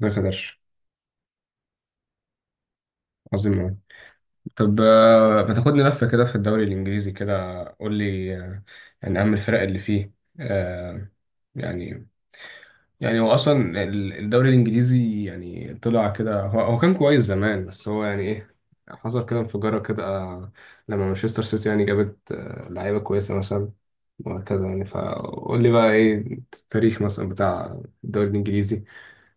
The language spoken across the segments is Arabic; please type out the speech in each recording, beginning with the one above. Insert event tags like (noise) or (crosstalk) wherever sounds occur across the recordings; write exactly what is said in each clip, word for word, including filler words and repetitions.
ما قدرش. عظيم أوي. طب آه، ما تاخدني لفة كده في الدوري الإنجليزي كده، قول لي آه، يعني أهم الفرق اللي فيه. آه، يعني يعني هو أصلا ال- الدوري الإنجليزي يعني طلع كده، هو, هو كان كويس زمان، بس هو يعني إيه؟ حصل كده انفجارة كده، آه، لما مانشستر سيتي يعني جابت آه، لعيبة كويسة مثلا، وهكذا يعني. فقول لي بقى إيه التاريخ مثلا بتاع الدوري الإنجليزي؟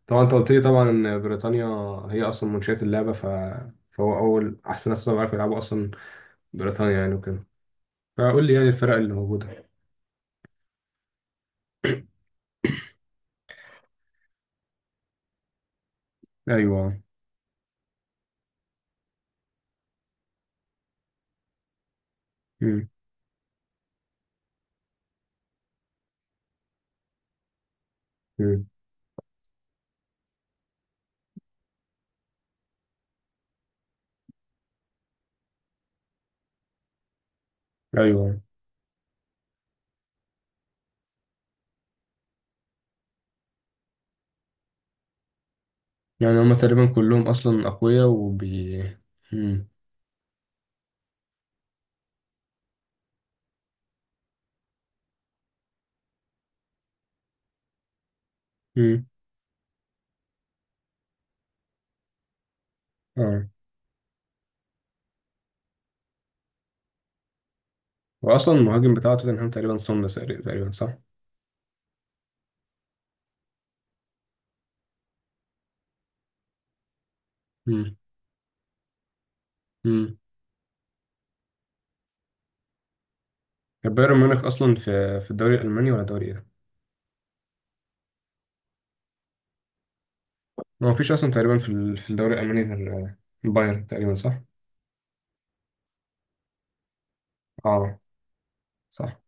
طبعا انت قلت لي طبعا ان بريطانيا هي اصلا منشئة اللعبة، ف... فهو اول احسن ناس طبعا عارفوا يلعبوا اصلا بريطانيا يعني وكده. فقول لي يعني الفرق اللي موجودة. ايوه. مم. مم. ايوه. يعني هما تقريبا كلهم اصلا اقوياء وبي. مم. مم. اه. واصلا المهاجم بتاع توتنهام تقريبا سومر، تقريبا صح؟ مم. مم. طب بايرن ميونخ اصلا في في الدوري الالماني ولا دوري ايه؟ ما فيش اصلا تقريبا في ال- في الدوري الالماني غير آه، بايرن، تقريبا صح؟ اه. صح.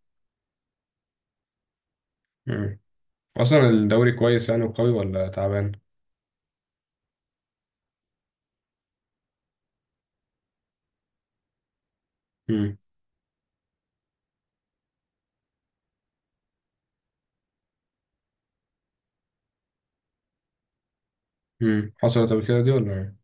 اصلا الدوري كويس يعني وقوي، ولا تعبان؟ امم. امم حصلت قبل كده دي ولا إيه؟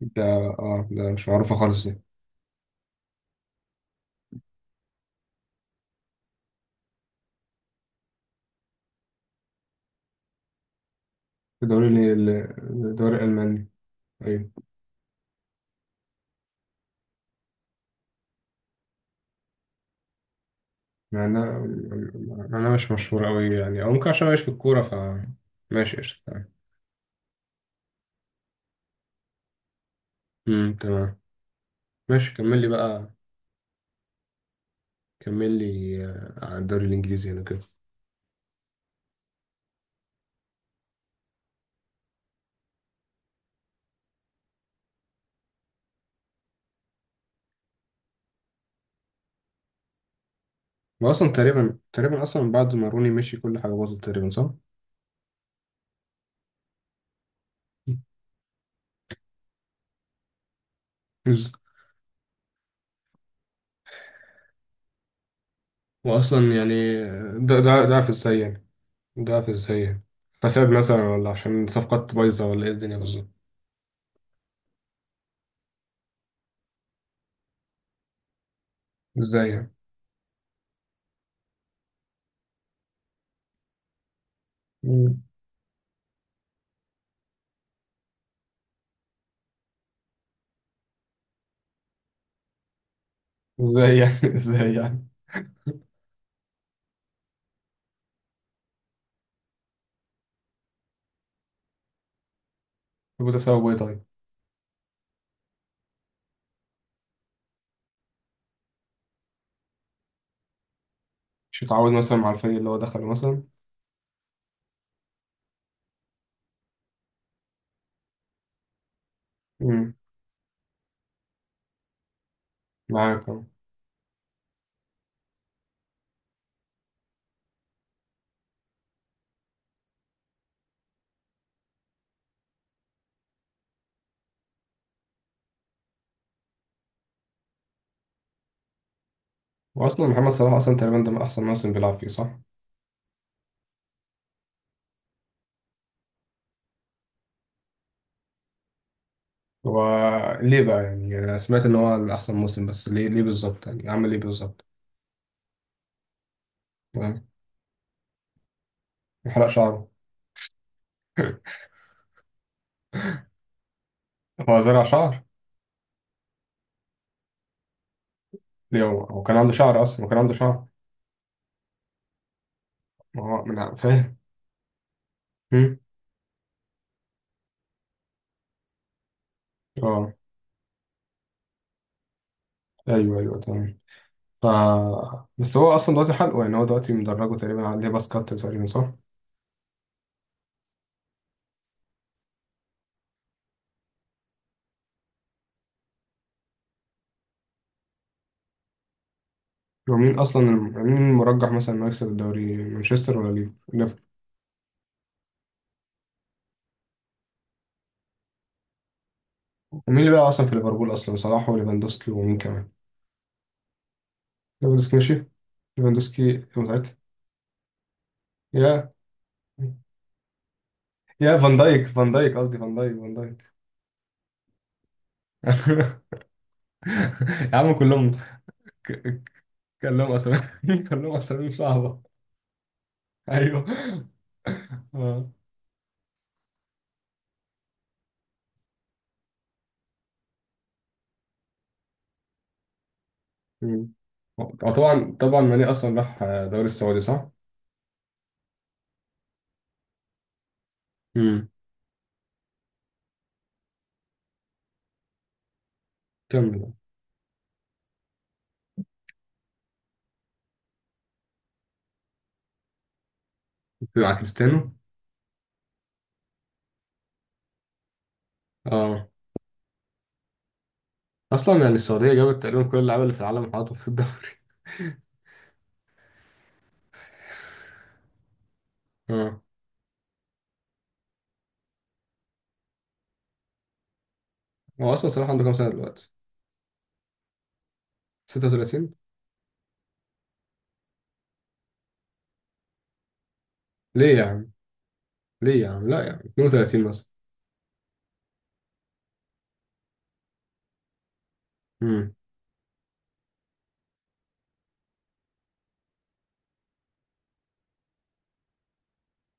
ده اه ده مش معروفه خالص دي. الدوري ال- ال- الدوري الالماني. ايوه. مع انها مع انها مش مشهوره قوي يعني، او ممكن عشان ماشي في الكوره. ف ماشي، قشطة، تمام. امم، تمام. ماشي كمل لي بقى. كمل لي آه، على الدوري الانجليزي يعني كده. واصلا تقريبا تقريبا اصلا بعد ما روني مشي كل حاجه باظت، تقريبا صح؟ بز- واصلا يعني ده ده ده في ازاي، ضعف ازاي يعني؟ فساد مثلا، ولا عشان صفقات بايظة، ولا ايه الدنيا بالظبط؟ ازاي يعني؟ مم. ازاي يعني؟ (laughs) ازاي يعني؟ يبقى ده سببه ايه طيب؟ مش متعود مثلا مع الفريق اللي هو دخله مثلا. مم. معاك أهو. واصلا محمد صلاح اصلا تقريبا ده من احسن موسم بيلعب فيه، صح؟ هو ليه بقى يعني؟ يعني انا سمعت ان هو من احسن موسم، بس ليه ليه بالظبط يعني، عمل ايه بالظبط؟ يعني حرق شعره. (laughs) هو زرع شعر؟ ليه؟ هو هو كان عنده شعر اصلا؟ هو كان عنده شعر؟ ما هو من فاهم. مم. اه، ايوه ايوه تمام. ف بس هو اصلا دلوقتي حلقه يعني، هو دلوقتي مدرجه تقريبا عليه باس كات، تقريبا صح؟ ومين اصلا مين المرجح مثلا انه يكسب الدوري، مانشستر ولا ليف- ليفربول؟ ومين اللي بقى اصلا في ليفربول اصلا، صلاح وليفاندوسكي ومين كمان؟ ليفاندوسكي مشي؟ ليفاندوسكي متأكد؟ يا يا فان دايك، فان دايك قصدي، فان دايك فان دايك. (laughs) يا عم كلهم. ك- كلهم اسامي. (laughs) كلهم اسامي صعبه. ايوه. آه. مم. وطبعا طبعا ماني اصلا راح دوري السعودي، صح؟ كمل. بيبقى كريستيانو. اه، اصلا يعني السعوديه جابت تقريبا كل اللعيبه اللي في العالم وحطوا في الدوري. (laughs) اه، هو اصلا صلاح عنده كام سنه دلوقتي؟ ستة وثلاثين؟ ليه يا عم، ليه يا عم، لا يا عم اتنين وتلاتين مثلا. امم.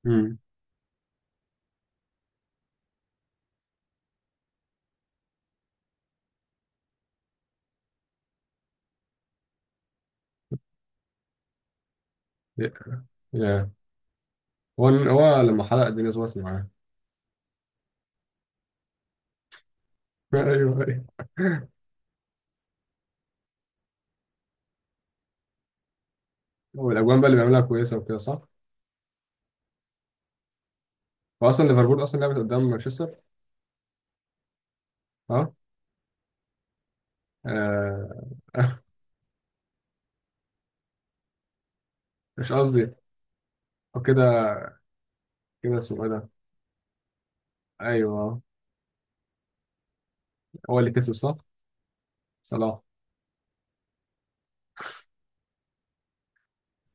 امم. يا يا. هو هو لما حلق الدنيا ظبطت معاه. (laughs) ايوه ايوه. والاجوان بقى اللي بيعملها كويسه وكده، صح؟ هو اصلا ليفربول اصلا لعبت قدام مانشستر. اه. آه. (laughs) مش قصدي، هو كده، كده اسمه ايه ده؟ ايوه. هو اللي كسب صح؟ صلاح.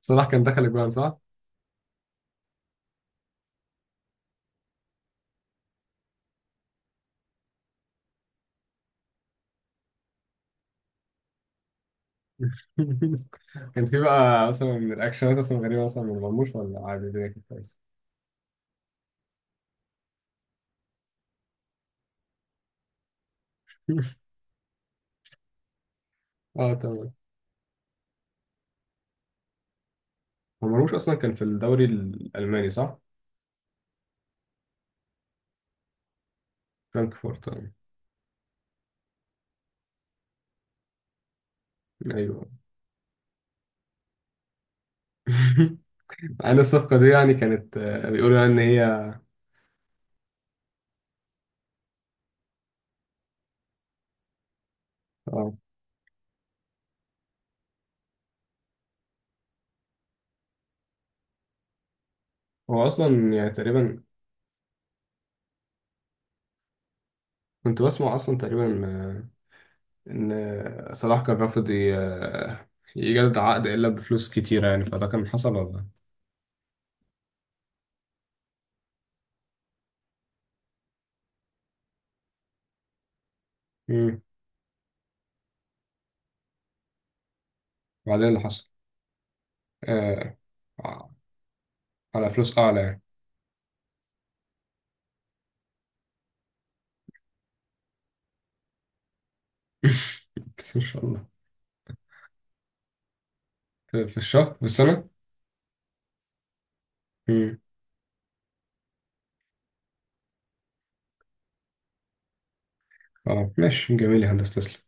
صلاح كان دخل الجوان صح؟ (laughs) كان في بقى مثلا الأكشنات مثلا غريبة مثلا من مرموش، ولا عادي الدنيا كانت كويسة؟ (laughs) اه تمام. هو مرموش أصلا كان في الدوري الألماني، صح؟ فرانكفورت، آه. أيوه. (laughs) عن الصفقة دي يعني كانت آه، بيقولوا يعني إن هي. اه، هو أصلا يعني تقريبا كنت بسمع أصلا تقريبا آه، إن صلاح كان رافض ي- آه، يجدد عقد إلا بفلوس كتيرة يعني، فده كان حصل ولا؟ مم. وبعدين اللي حصل آه على فلوس أعلى يعني. (laughs) بس إن شاء الله. في في الشهر في السنة؟ امم. اه ماشي، جميل يا هندسة، تسلم.